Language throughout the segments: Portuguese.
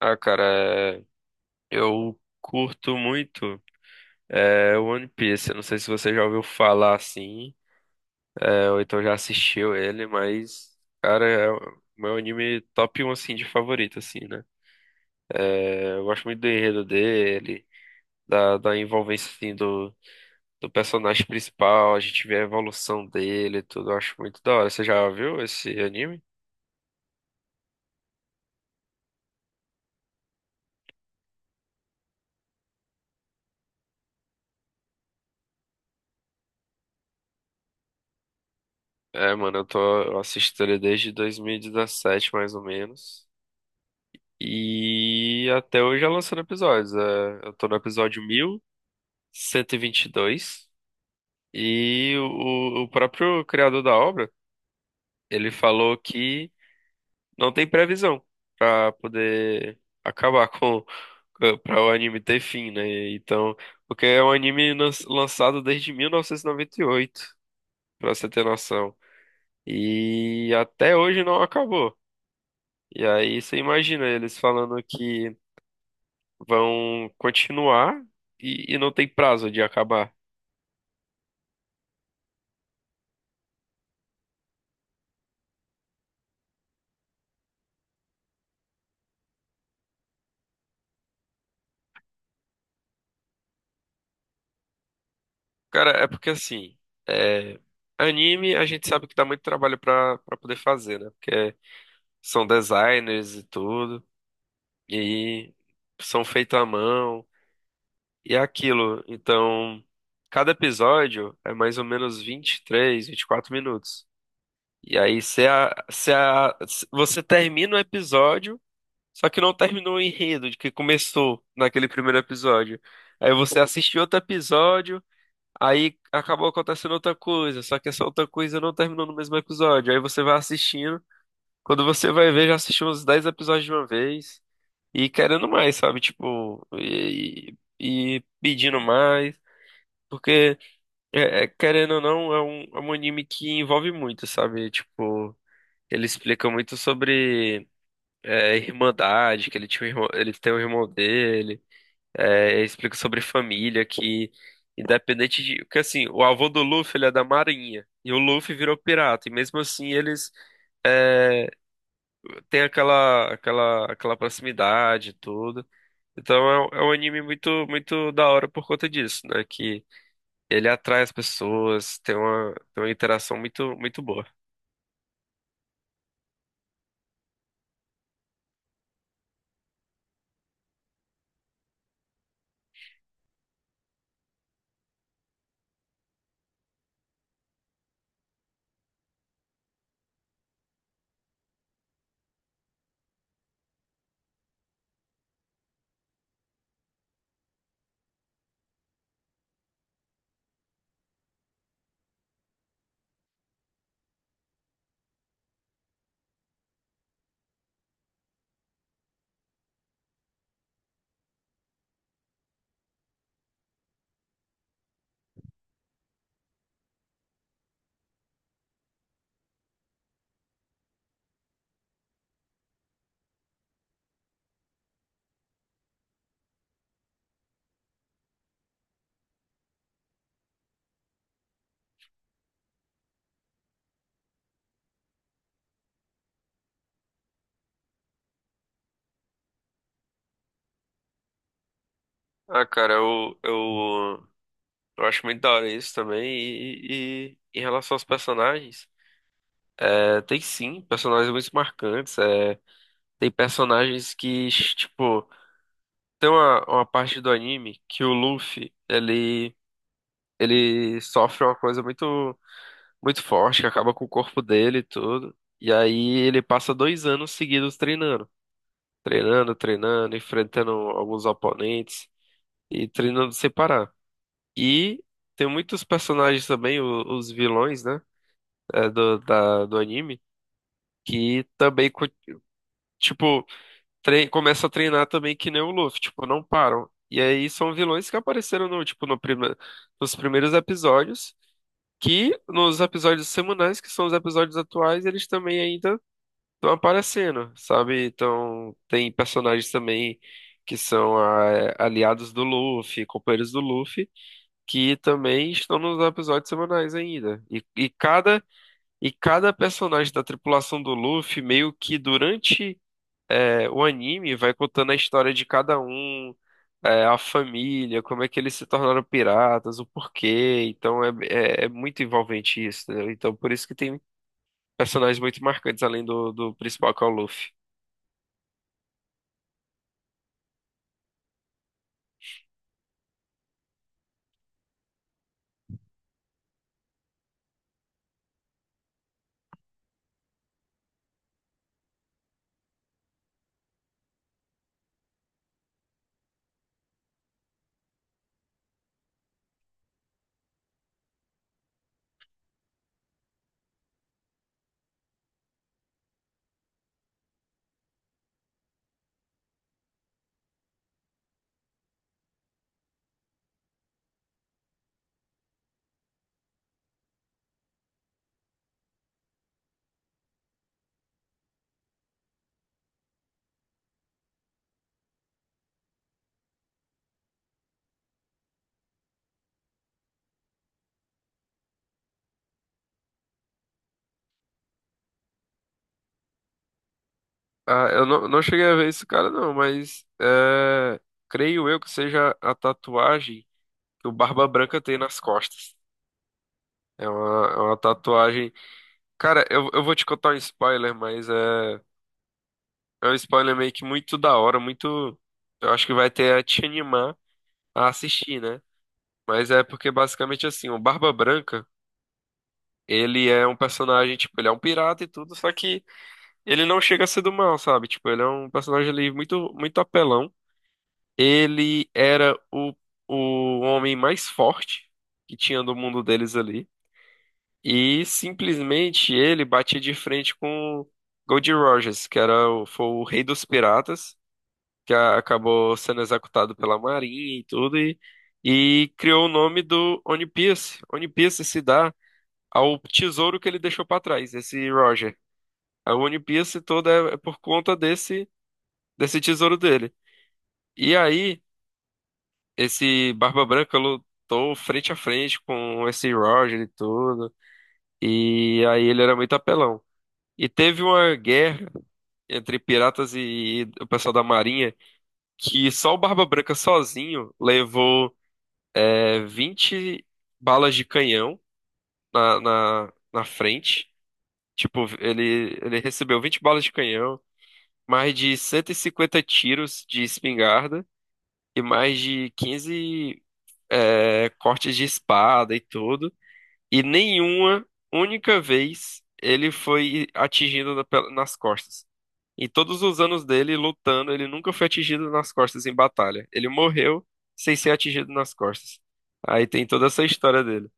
Ah, cara, é, eu curto muito One Piece. Eu não sei se você já ouviu falar assim, ou então já assistiu ele, mas, cara, é o meu anime top um assim, de favorito, assim, né? Eu gosto muito do enredo dele, da envolvência, assim, do personagem principal, a gente vê a evolução dele e tudo. Eu acho muito da hora. Você já viu esse anime? É, mano, eu assisto ele desde 2017, mais ou menos. E até hoje já lançando episódios. É, eu tô no episódio mil cento e vinte e dois. O próprio criador da obra, ele falou que não tem previsão pra poder acabar com, para o anime ter fim, né? Então, porque é um anime lançado desde mil novecentos e noventa e oito pra você ter noção. E até hoje não acabou. E aí você imagina eles falando que vão continuar e não tem prazo de acabar. Cara, é porque assim, é, anime a gente sabe que dá muito trabalho pra poder fazer, né? Porque são designers e tudo, e aí são feitos à mão, e é aquilo. Então, cada episódio é mais ou menos vinte e três vinte e quatro minutos. E aí, se você termina o episódio. Só que não terminou o enredo de que começou naquele primeiro episódio. Aí você assistiu outro episódio, aí acabou acontecendo outra coisa, só que essa outra coisa não terminou no mesmo episódio. Aí você vai assistindo, quando você vai ver, já assistiu uns 10 episódios de uma vez e querendo mais, sabe? Tipo, e pedindo mais. Porque, querendo ou não, é um anime que envolve muito, sabe? Tipo, ele explica muito sobre irmandade, que ele tinha um irmão, ele tem um irmão dele. É, explica sobre família, que independente de. Porque assim, o avô do Luffy ele é da Marinha. E o Luffy virou pirata. E mesmo assim eles é, têm aquela proximidade e tudo. Então é um anime muito, muito da hora por conta disso, né? Que ele atrai as pessoas, tem uma interação muito, muito boa. Ah, cara, eu acho muito da hora isso também. E, e em relação aos personagens, tem sim personagens muito marcantes. Tem personagens que, tipo, uma parte do anime que o Luffy, ele sofre uma coisa muito, muito forte, que acaba com o corpo dele e tudo. E aí ele passa 2 anos seguidos treinando. Treinando, treinando, enfrentando alguns oponentes e treinando sem parar. E tem muitos personagens também, os vilões, né? Do anime, que também, co- tipo, tre começa a treinar também que nem o Luffy, tipo, não param. E aí são vilões que apareceram no, tipo, no prime nos primeiros episódios, que nos episódios semanais, que são os episódios atuais, eles também ainda estão aparecendo, sabe? Então, tem personagens também que são ah, aliados do Luffy, companheiros do Luffy, que também estão nos episódios semanais ainda. E cada personagem da tripulação do Luffy, meio que durante o anime, vai contando a história de cada um, a família, como é que eles se tornaram piratas, o porquê. Então é muito envolvente isso, entendeu? Então por isso que tem personagens muito marcantes além do, do principal, que é o Luffy. Ah, eu não, não cheguei a ver esse cara, não, mas é, creio eu que seja a tatuagem que o Barba Branca tem nas costas. É uma tatuagem. Cara, eu vou te contar um spoiler, mas é, é um spoiler meio que muito da hora, muito. Eu acho que vai até te animar a assistir, né? Mas é porque basicamente assim, o Barba Branca, ele é um personagem, tipo, ele é um pirata e tudo, só que ele não chega a ser do mal, sabe? Tipo, ele é um personagem ali muito, muito apelão. Ele era o, o homem mais forte que tinha do mundo deles ali. E simplesmente ele batia de frente com Goldie Rogers, foi o rei dos piratas, que acabou sendo executado pela Marinha e tudo, e criou o nome do One Piece. One Piece se dá ao tesouro que ele deixou para trás, esse Roger. A One Piece toda é por conta desse tesouro dele. E aí, esse Barba Branca lutou frente a frente com esse Roger e tudo, e aí ele era muito apelão. E teve uma guerra entre piratas e o pessoal da Marinha que só o Barba Branca sozinho levou 20 balas de canhão na frente. Tipo, ele recebeu 20 balas de canhão, mais de 150 tiros de espingarda e mais de 15 cortes de espada e tudo. E nenhuma única vez ele foi atingido nas costas. Em todos os anos dele lutando, ele nunca foi atingido nas costas em batalha. Ele morreu sem ser atingido nas costas. Aí tem toda essa história dele.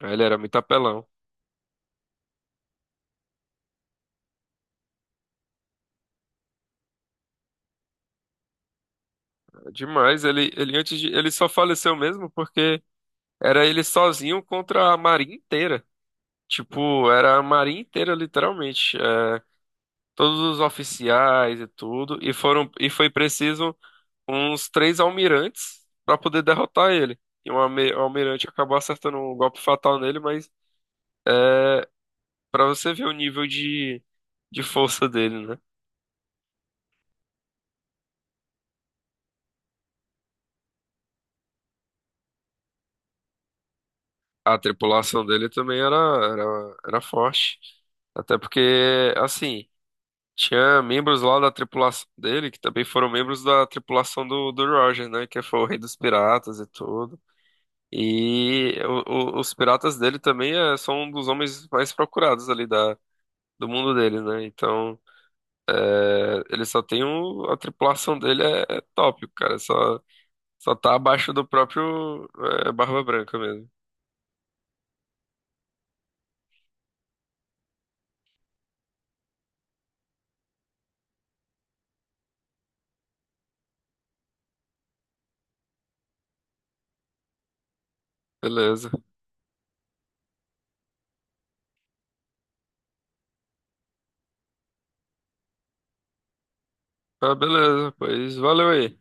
Aí ele era muito apelão. Demais, ele só faleceu mesmo porque era ele sozinho contra a marinha inteira. Tipo, era a marinha inteira, literalmente. É, todos os oficiais e tudo. E foi preciso uns três almirantes para poder derrotar ele. E um almirante acabou acertando um golpe fatal nele, mas pra você ver o nível de força dele, né? A tripulação dele também era forte. Até porque, assim, tinha membros lá da tripulação dele que também foram membros da tripulação do Roger, né? Que foi o rei dos piratas e tudo. E os piratas dele também eh, são um dos homens mais procurados ali do mundo dele, né? Então, eh, ele só tem o, a tripulação dele é top, cara. Só. Só tá abaixo do próprio Barba Branca mesmo. Beleza. Ah, beleza, pois valeu aí.